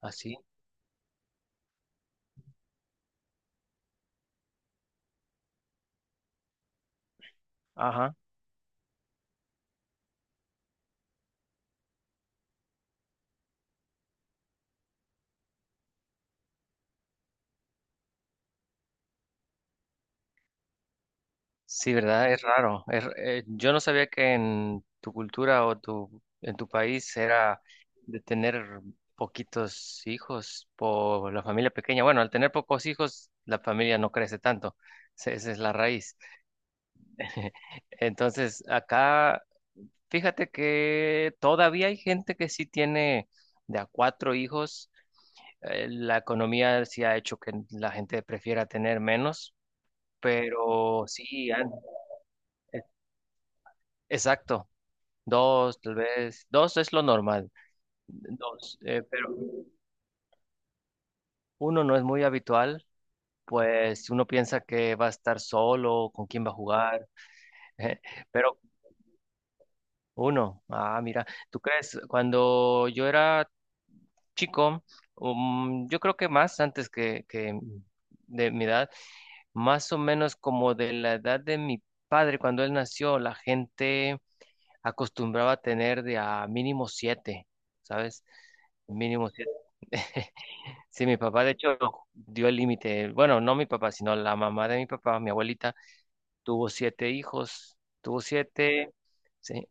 Así. Ajá. Sí, ¿verdad? Es raro. Yo no sabía que en tu cultura o en tu país era de tener poquitos hijos por la familia pequeña. Bueno, al tener pocos hijos, la familia no crece tanto. Esa es la raíz. Entonces, acá, fíjate que todavía hay gente que sí tiene de a cuatro hijos. La economía sí ha hecho que la gente prefiera tener menos, pero sí, exacto, dos, tal vez, dos es lo normal, dos, pero uno no es muy habitual, pues uno piensa que va a estar solo, con quién va a jugar. Pero uno, ah, mira, ¿tú crees? Cuando yo era chico, yo creo que más antes que de mi edad, más o menos como de la edad de mi padre, cuando él nació, la gente acostumbraba a tener de a mínimo siete, ¿sabes? Mínimo siete. Sí, mi papá de hecho dio el límite. Bueno, no mi papá, sino la mamá de mi papá, mi abuelita, tuvo siete hijos. Tuvo siete. Sí.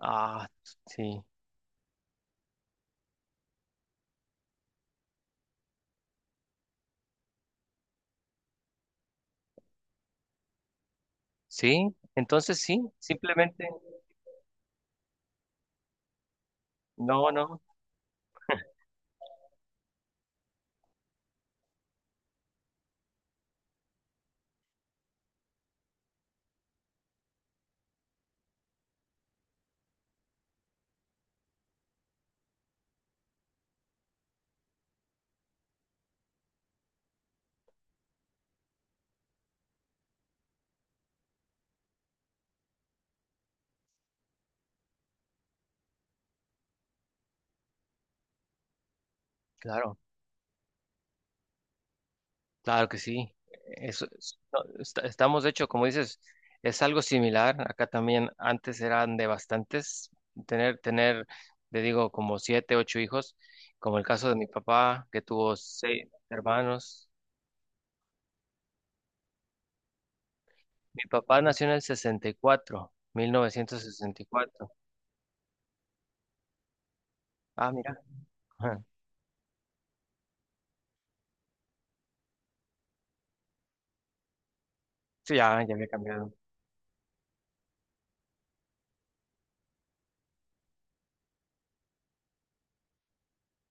Ah, sí. Sí, entonces sí, simplemente. No, no, claro. Claro que sí. No, estamos, de hecho, como dices, es algo similar. Acá también antes eran de bastantes, tener, tener, te digo, como siete, ocho hijos, como el caso de mi papá, que tuvo seis hermanos. Mi papá nació en el 64, 1964. Ah, mira. Ajá. Sí, ya, ya había cambiado.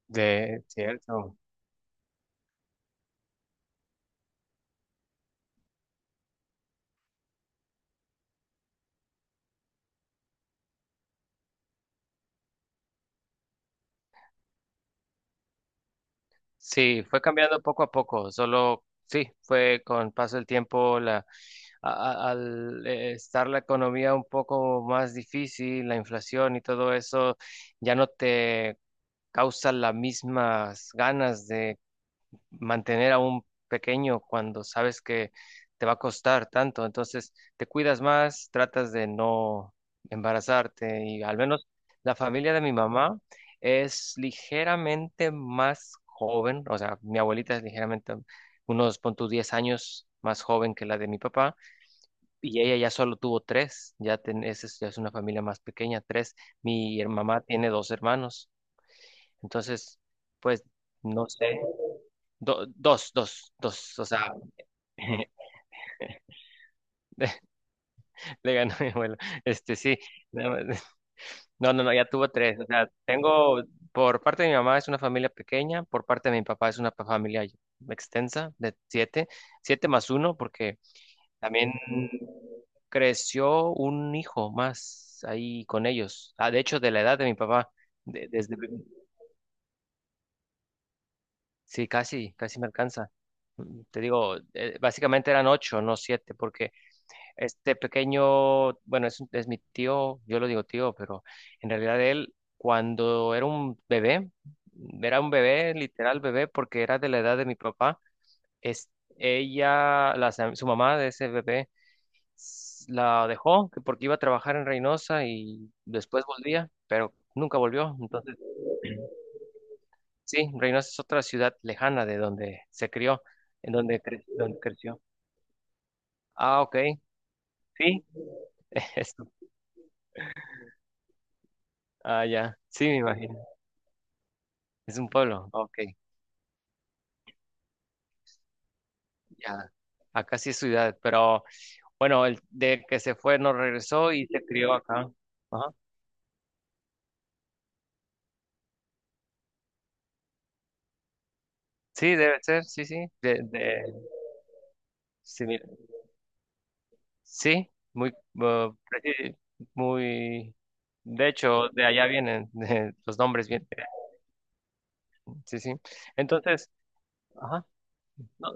De cierto. Sí, fue cambiando poco a poco, solo sí, fue con paso del tiempo al estar la economía un poco más difícil, la inflación y todo eso, ya no te causa las mismas ganas de mantener a un pequeño cuando sabes que te va a costar tanto. Entonces, te cuidas más, tratas de no embarazarte y al menos la familia de mi mamá es ligeramente más joven, o sea, mi abuelita es ligeramente unos, pon tú, 10 años más joven que la de mi papá y ella ya solo tuvo tres, ya, es una familia más pequeña, tres. Mamá tiene dos hermanos, entonces, pues, no sé. Dos, dos, dos, o sea, le ganó mi abuelo. Este, sí, no, no, no, no, ya tuvo tres. O sea, tengo, por parte de mi mamá es una familia pequeña, por parte de mi papá es una familia extensa de siete, siete más uno, porque también creció un hijo más ahí con ellos. Ah, de hecho, de la edad de mi papá, de- desde, sí, casi, casi me alcanza. Mm, te digo, básicamente eran ocho, no siete, porque este pequeño, bueno, es mi tío, yo lo digo tío, pero en realidad él, cuando era un bebé, literal bebé, porque era de la edad de mi papá, es, ella, la, su mamá de ese bebé, la dejó que porque iba a trabajar en Reynosa y después volvía, pero nunca volvió. Entonces, sí, Reynosa es otra ciudad lejana de donde se crió, en donde, donde creció. Ah, ok, sí. Eso. Ah, ya, sí, me imagino. Es un pueblo, ok, ya. Acá sí es ciudad, pero bueno, el de que se fue no regresó y se crió acá. Ajá. Sí, debe ser, sí, sí. Sí, mira, sí, muy. De hecho, de allá vienen. Los nombres, vienen. Sí, sí. Entonces, ajá. No,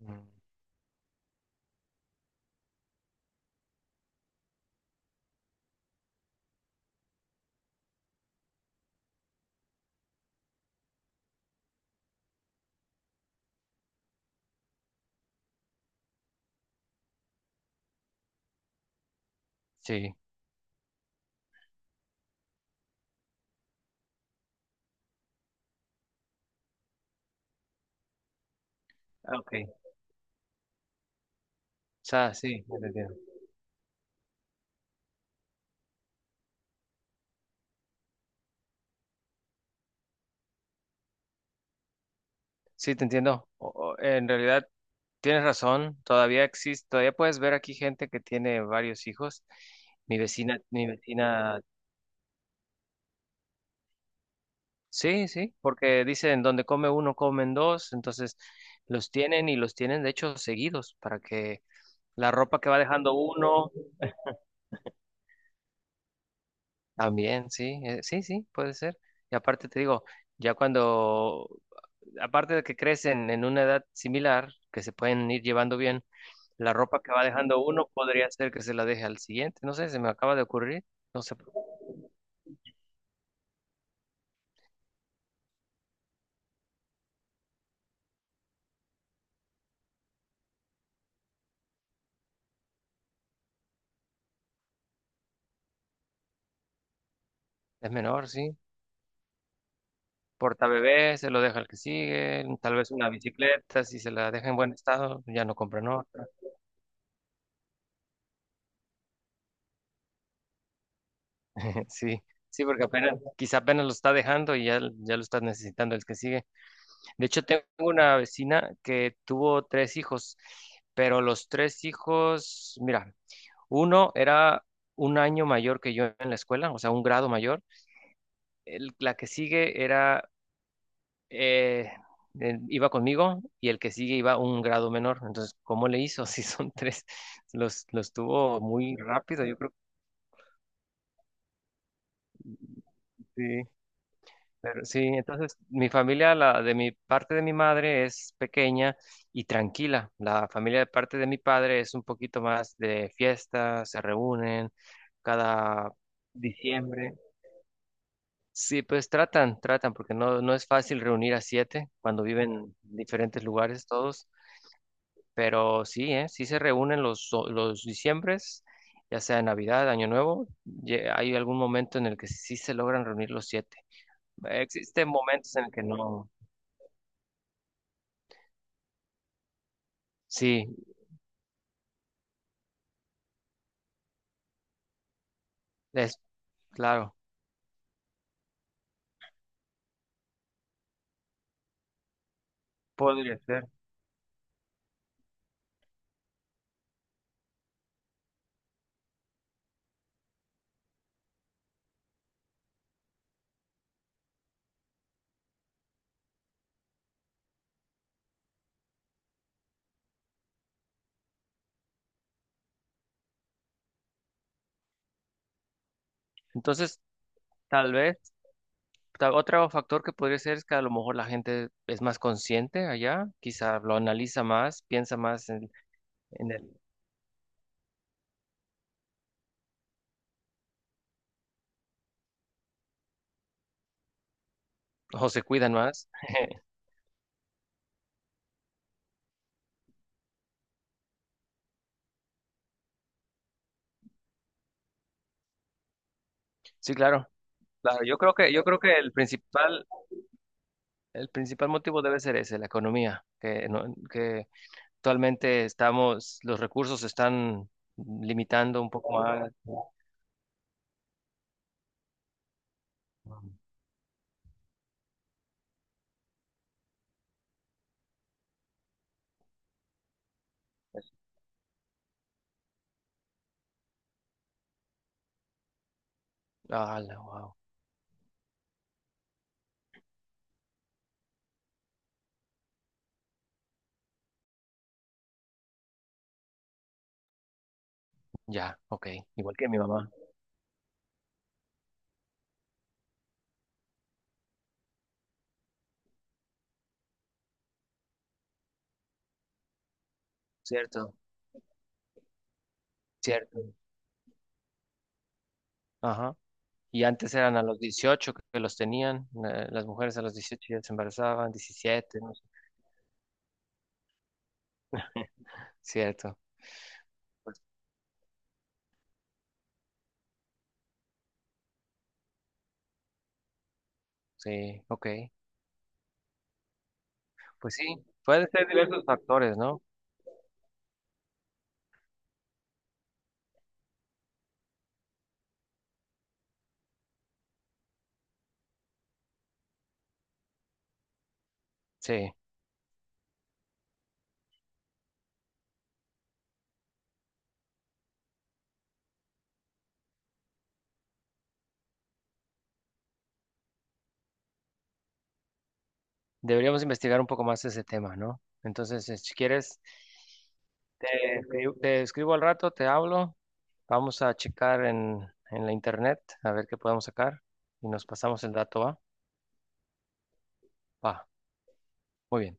mm, sí, ah, ok. O sea, sí. Sí, te entiendo. En realidad tienes razón, todavía existe, todavía puedes ver aquí gente que tiene varios hijos. Mi vecina, sí, sí, porque dicen donde come uno comen dos, entonces los tienen y los tienen de hecho seguidos para que la ropa que va dejando uno también, sí, sí, sí, puede ser. Y aparte te digo, ya cuando aparte de que crecen en una edad similar, que se pueden ir llevando bien, la ropa que va dejando uno podría ser que se la deje al siguiente. No sé, se me acaba de ocurrir. No sé, es menor, sí. Portabebé se lo deja al que sigue. Tal vez una bicicleta, si se la deja en buen estado, ya no compran otra. Sí, sí, porque apenas, quizá apenas lo está dejando y ya, ya lo está necesitando el que sigue. De hecho, tengo una vecina que tuvo tres hijos, pero los tres hijos, mira, uno era un año mayor que yo en la escuela, o sea, un grado mayor. La que sigue era, eh, iba conmigo y el que sigue iba un grado menor. Entonces, ¿cómo le hizo? Si son tres, los tuvo muy rápido, yo creo que sí. Pero sí, entonces mi familia, la de mi parte de mi madre es pequeña y tranquila. La familia de parte de mi padre es un poquito más de fiestas, se reúnen cada diciembre. Sí, pues tratan, tratan, porque no, no es fácil reunir a siete cuando viven en diferentes lugares todos, pero sí, ¿eh? Sí se reúnen los, los diciembres, ya sea Navidad, Año Nuevo, hay algún momento en el que sí se logran reunir los siete. Existen momentos en el que no, sí, es claro, podría ser. Entonces, tal vez, otro factor que podría ser es que a lo mejor la gente es más consciente allá, quizá lo analiza más, piensa más en el, o se cuidan más. Sí, claro. Claro, yo creo que el principal motivo debe ser ese, la economía, que, no- que actualmente estamos, los recursos se están limitando un poco más. Ah, wow. Ya, ok. Igual que mi mamá. Cierto, cierto. Ajá. Y antes eran a los 18 que los tenían, las mujeres a los 18 ya se embarazaban, 17, no sé. Cierto. Pues, sí, ok. Pues sí, pueden ser diversos factores, ¿no? Sí. Deberíamos investigar un poco más ese tema, ¿no? Entonces, si quieres, te, te escribo al rato, te hablo, vamos a checar en la internet a ver qué podemos sacar y nos pasamos el dato, ¿va? Va, muy bien.